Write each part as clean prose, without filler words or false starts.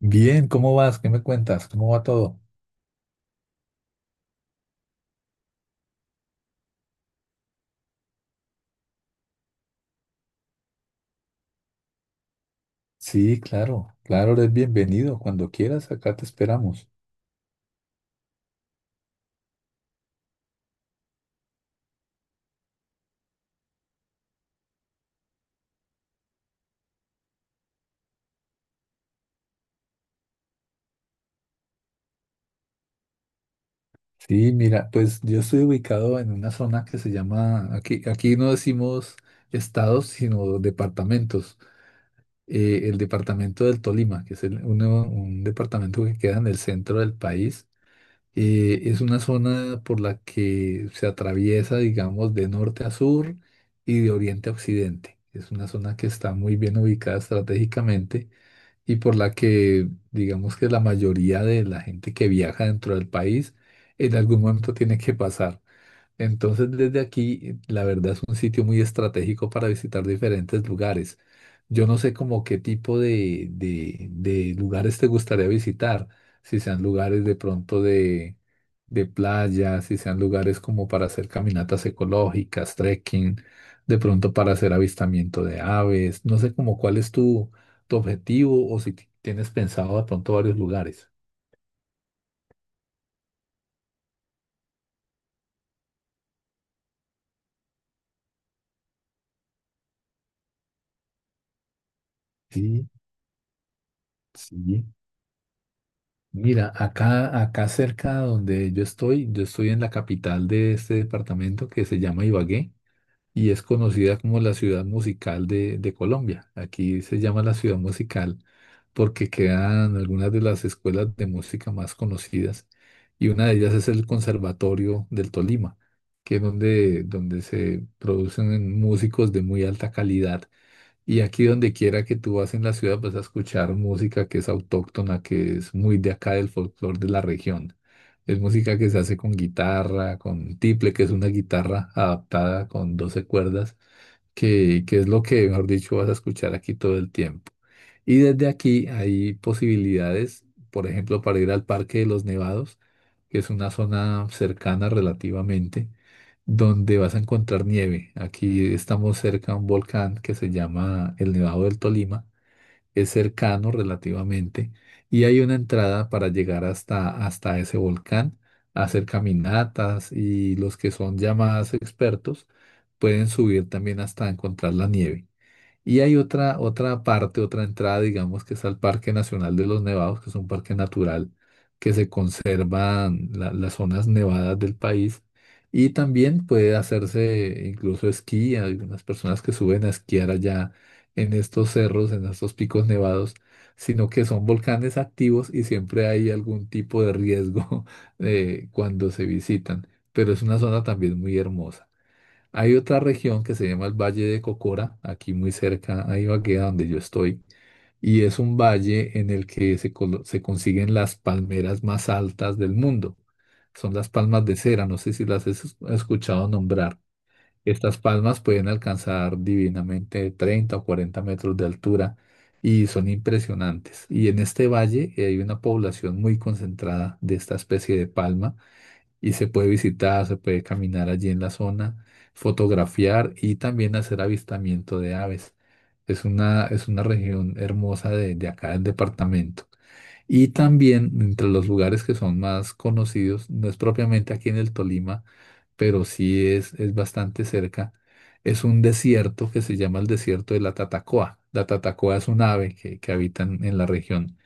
Bien, ¿cómo vas? ¿Qué me cuentas? ¿Cómo va todo? Sí, claro, claro, eres bienvenido. Cuando quieras, acá te esperamos. Sí, mira, pues yo estoy ubicado en una zona que se llama, aquí no decimos estados, sino departamentos. El departamento del Tolima, que es un departamento que queda en el centro del país, es una zona por la que se atraviesa, digamos, de norte a sur y de oriente a occidente. Es una zona que está muy bien ubicada estratégicamente y por la que digamos que la mayoría de la gente que viaja dentro del país en algún momento tiene que pasar. Entonces, desde aquí, la verdad es un sitio muy estratégico para visitar diferentes lugares. Yo no sé como qué tipo de, de lugares te gustaría visitar, si sean lugares de pronto de playa, si sean lugares como para hacer caminatas ecológicas, trekking, de pronto para hacer avistamiento de aves. No sé como cuál es tu objetivo o si tienes pensado de pronto varios lugares. Sí, sí. Mira, acá cerca donde yo estoy en la capital de este departamento que se llama Ibagué y es conocida como la ciudad musical de Colombia. Aquí se llama la ciudad musical porque quedan algunas de las escuelas de música más conocidas y una de ellas es el Conservatorio del Tolima, que es donde se producen músicos de muy alta calidad y aquí donde quiera que tú vas en la ciudad vas a escuchar música que es autóctona, que es muy de acá del folclore de la región. Es música que se hace con guitarra, con tiple, que es una guitarra adaptada con 12 cuerdas, que es lo que, mejor dicho, vas a escuchar aquí todo el tiempo. Y desde aquí hay posibilidades, por ejemplo, para ir al Parque de los Nevados, que es una zona cercana relativamente donde vas a encontrar nieve. Aquí estamos cerca a un volcán que se llama el Nevado del Tolima. Es cercano relativamente y hay una entrada para llegar hasta ese volcán, hacer caminatas y los que son ya más expertos pueden subir también hasta encontrar la nieve. Y hay otra parte, otra entrada, digamos, que es al Parque Nacional de los Nevados, que es un parque natural que se conservan las zonas nevadas del país. Y también puede hacerse incluso esquí. Hay algunas personas que suben a esquiar allá en estos cerros, en estos picos nevados, sino que son volcanes activos y siempre hay algún tipo de riesgo cuando se visitan. Pero es una zona también muy hermosa. Hay otra región que se llama el Valle de Cocora, aquí muy cerca a Ibagué, a donde yo estoy, y es un valle en el que se, se consiguen las palmeras más altas del mundo. Son las palmas de cera, no sé si las has escuchado nombrar. Estas palmas pueden alcanzar divinamente 30 o 40 metros de altura y son impresionantes. Y en este valle hay una población muy concentrada de esta especie de palma y se puede visitar, se puede caminar allí en la zona, fotografiar y también hacer avistamiento de aves. Es una región hermosa de acá del departamento. Y también entre los lugares que son más conocidos, no es propiamente aquí en el Tolima, pero sí es bastante cerca, es un desierto que se llama el desierto de la Tatacoa. La Tatacoa es un ave que habita en la región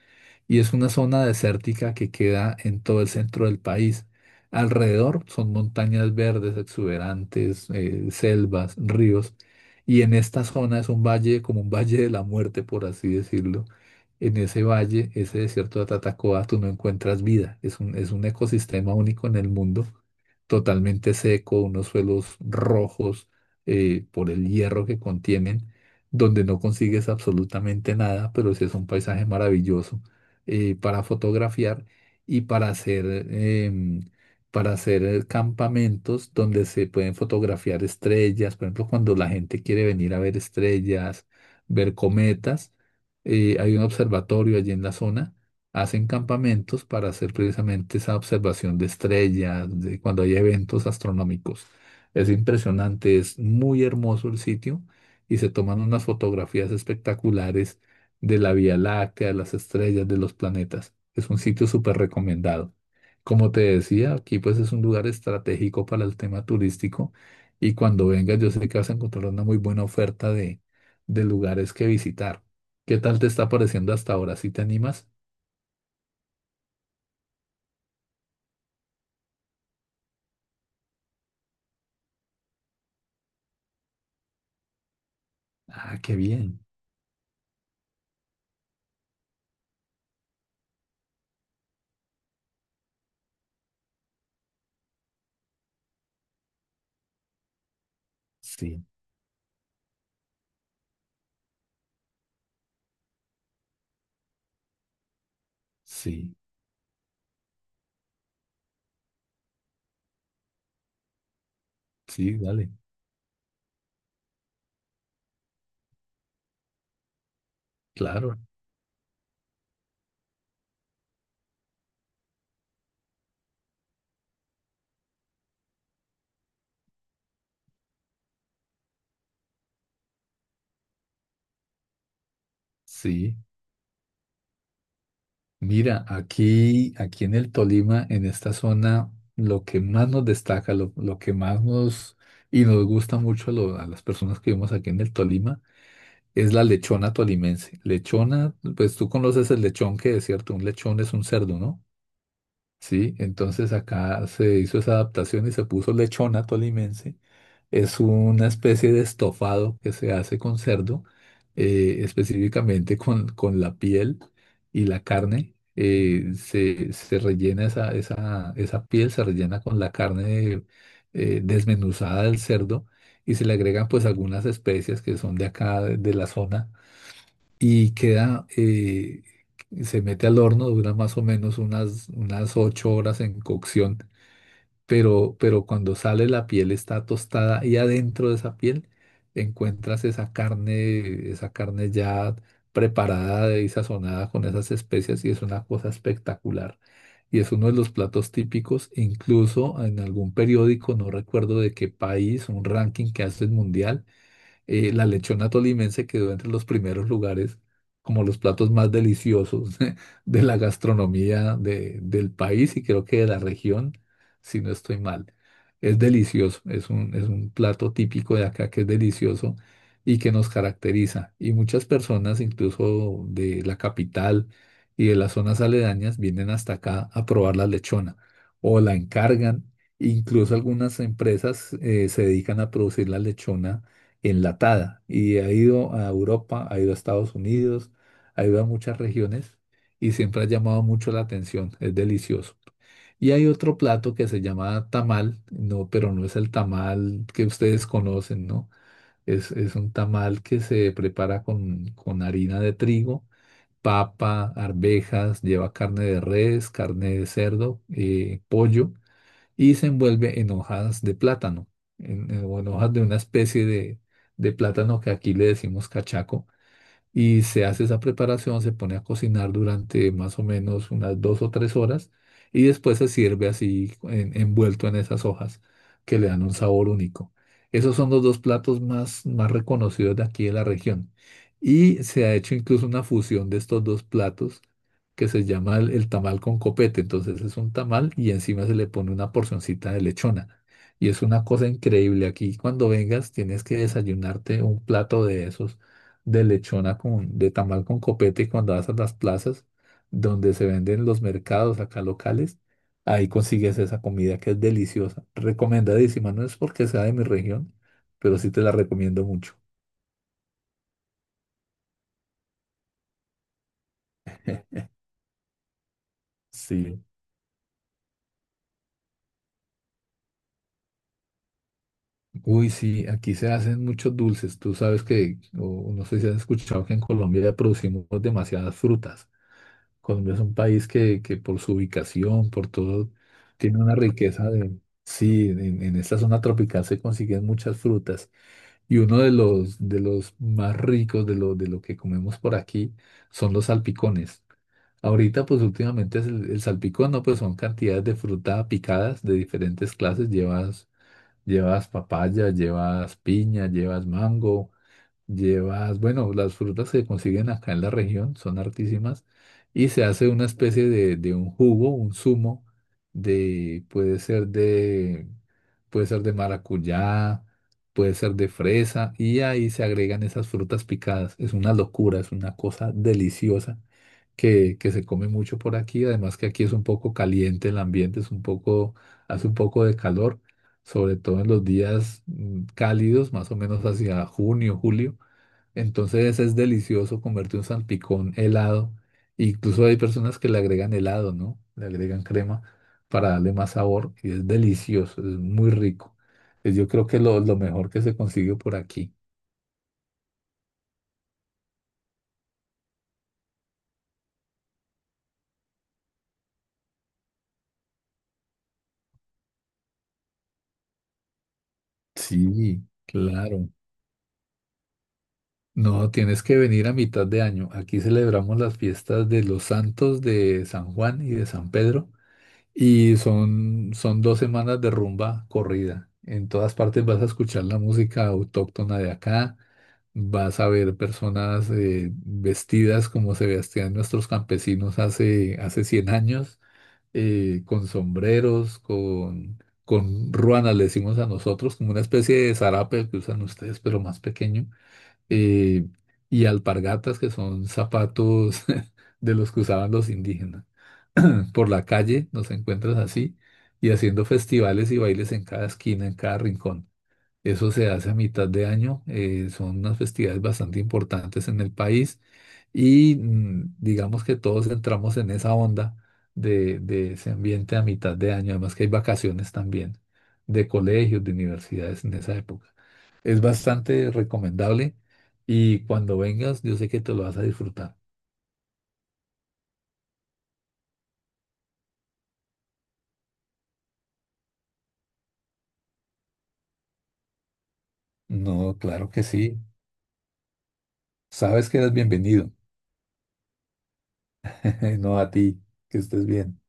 y es una zona desértica que queda en todo el centro del país. Alrededor son montañas verdes, exuberantes, selvas, ríos, y en esta zona es un valle, como un valle de la muerte, por así decirlo. En ese valle, ese desierto de Tatacoa, tú no encuentras vida. Es un ecosistema único en el mundo, totalmente seco, unos suelos rojos por el hierro que contienen, donde no consigues absolutamente nada, pero sí es un paisaje maravilloso para fotografiar y para hacer, para hacer campamentos donde se pueden fotografiar estrellas. Por ejemplo, cuando la gente quiere venir a ver estrellas, ver cometas, hay un observatorio allí en la zona. Hacen campamentos para hacer precisamente esa observación de estrellas, de cuando hay eventos astronómicos. Es impresionante, es muy hermoso el sitio y se toman unas fotografías espectaculares de la Vía Láctea, de las estrellas, de los planetas. Es un sitio súper recomendado. Como te decía, aquí pues es un lugar estratégico para el tema turístico y cuando vengas yo sé que vas a encontrar una muy buena oferta de lugares que visitar. ¿Qué tal te está pareciendo hasta ahora? ¿Sí te animas? Ah, qué bien. Sí, sí, sí, dale. Claro, sí. Mira, aquí en el Tolima, en esta zona, lo que más nos destaca, lo que más nos y nos gusta mucho a, a las personas que vivimos aquí en el Tolima es la lechona tolimense. Lechona, pues tú conoces el lechón que es cierto, un lechón es un cerdo, ¿no? Sí, entonces acá se hizo esa adaptación y se puso lechona tolimense es una especie de estofado que se hace con cerdo, específicamente con la piel y la carne, se rellena esa piel, se rellena con la carne desmenuzada del cerdo y se le agregan pues algunas especias que son de acá, de la zona, y queda, se mete al horno, dura más o menos unas 8 horas en cocción, pero cuando sale la piel está tostada y adentro de esa piel encuentras esa carne ya preparada y sazonada con esas especias y es una cosa espectacular. Y es uno de los platos típicos, incluso en algún periódico, no recuerdo de qué país, un ranking que hace el mundial, la lechona tolimense quedó entre los primeros lugares como los platos más deliciosos de la gastronomía del país y creo que de la región, si no estoy mal. Es delicioso, es un plato típico de acá que es delicioso y que nos caracteriza. Y muchas personas, incluso de la capital y de las zonas aledañas, vienen hasta acá a probar la lechona o la encargan. Incluso algunas empresas se dedican a producir la lechona enlatada y ha ido a Europa, ha ido a Estados Unidos, ha ido a muchas regiones y siempre ha llamado mucho la atención, es delicioso. Y hay otro plato que se llama tamal, no, pero no es el tamal que ustedes conocen, ¿no? Es un tamal que se prepara con harina de trigo, papa, arvejas, lleva carne de res, carne de cerdo, pollo y se envuelve en hojas de plátano, o en hojas de una especie de plátano que aquí le decimos cachaco y se hace esa preparación, se pone a cocinar durante más o menos unas 2 o 3 horas y después se sirve así envuelto en esas hojas que le dan un sabor único. Esos son los dos platos más reconocidos de aquí de la región. Y se ha hecho incluso una fusión de estos dos platos que se llama el tamal con copete. Entonces es un tamal y encima se le pone una porcioncita de lechona. Y es una cosa increíble. Aquí cuando vengas tienes que desayunarte un plato de esos de lechona con, de tamal con copete cuando vas a las plazas donde se venden los mercados acá locales, ahí consigues esa comida que es deliciosa, recomendadísima, no es porque sea de mi región, pero sí te la recomiendo mucho. Sí. Uy, sí, aquí se hacen muchos dulces. Tú sabes que, o no sé si has escuchado que en Colombia ya producimos demasiadas frutas. Colombia es un país que por su ubicación, por todo, tiene una riqueza de... Sí, en esta zona tropical se consiguen muchas frutas. Y uno de los más ricos de lo que comemos por aquí son los salpicones. Ahorita, pues últimamente es el salpicón, ¿no? Pues son cantidades de fruta picadas de diferentes clases. Llevas papaya, llevas piña, llevas mango, llevas, bueno, las frutas que consiguen acá en la región son hartísimas y se hace una especie de, un jugo, un zumo de, puede ser de maracuyá, puede ser de fresa y ahí se agregan esas frutas picadas. Es una locura, es una cosa deliciosa que se come mucho por aquí. Además que aquí es un poco caliente el ambiente, es un poco, hace un poco de calor, sobre todo en los días cálidos, más o menos hacia junio, julio, entonces es delicioso comerte un salpicón helado. Incluso hay personas que le agregan helado, ¿no? Le agregan crema para darle más sabor y es delicioso, es muy rico. Es yo creo que lo mejor que se consigue por aquí. Sí, claro. No, tienes que venir a mitad de año. Aquí celebramos las fiestas de los santos de San Juan y de San Pedro. Y son 2 semanas de rumba corrida. En todas partes vas a escuchar la música autóctona de acá, vas a ver personas vestidas como se vestían nuestros campesinos hace 100 años, con sombreros, con ruanas, le decimos a nosotros, como una especie de zarape que usan ustedes, pero más pequeño, eh, y alpargatas, que son zapatos de los que usaban los indígenas. Por la calle, nos encuentras así, y haciendo festivales y bailes en cada esquina, en cada rincón. Eso se hace a mitad de año, son unas festividades bastante importantes en el país y, digamos que todos entramos en esa onda de ese ambiente a mitad de año, además que hay vacaciones también de colegios, de universidades en esa época. Es bastante recomendable y cuando vengas yo sé que te lo vas a disfrutar. No, claro que sí. Sabes que eres bienvenido. No a ti, que estés bien.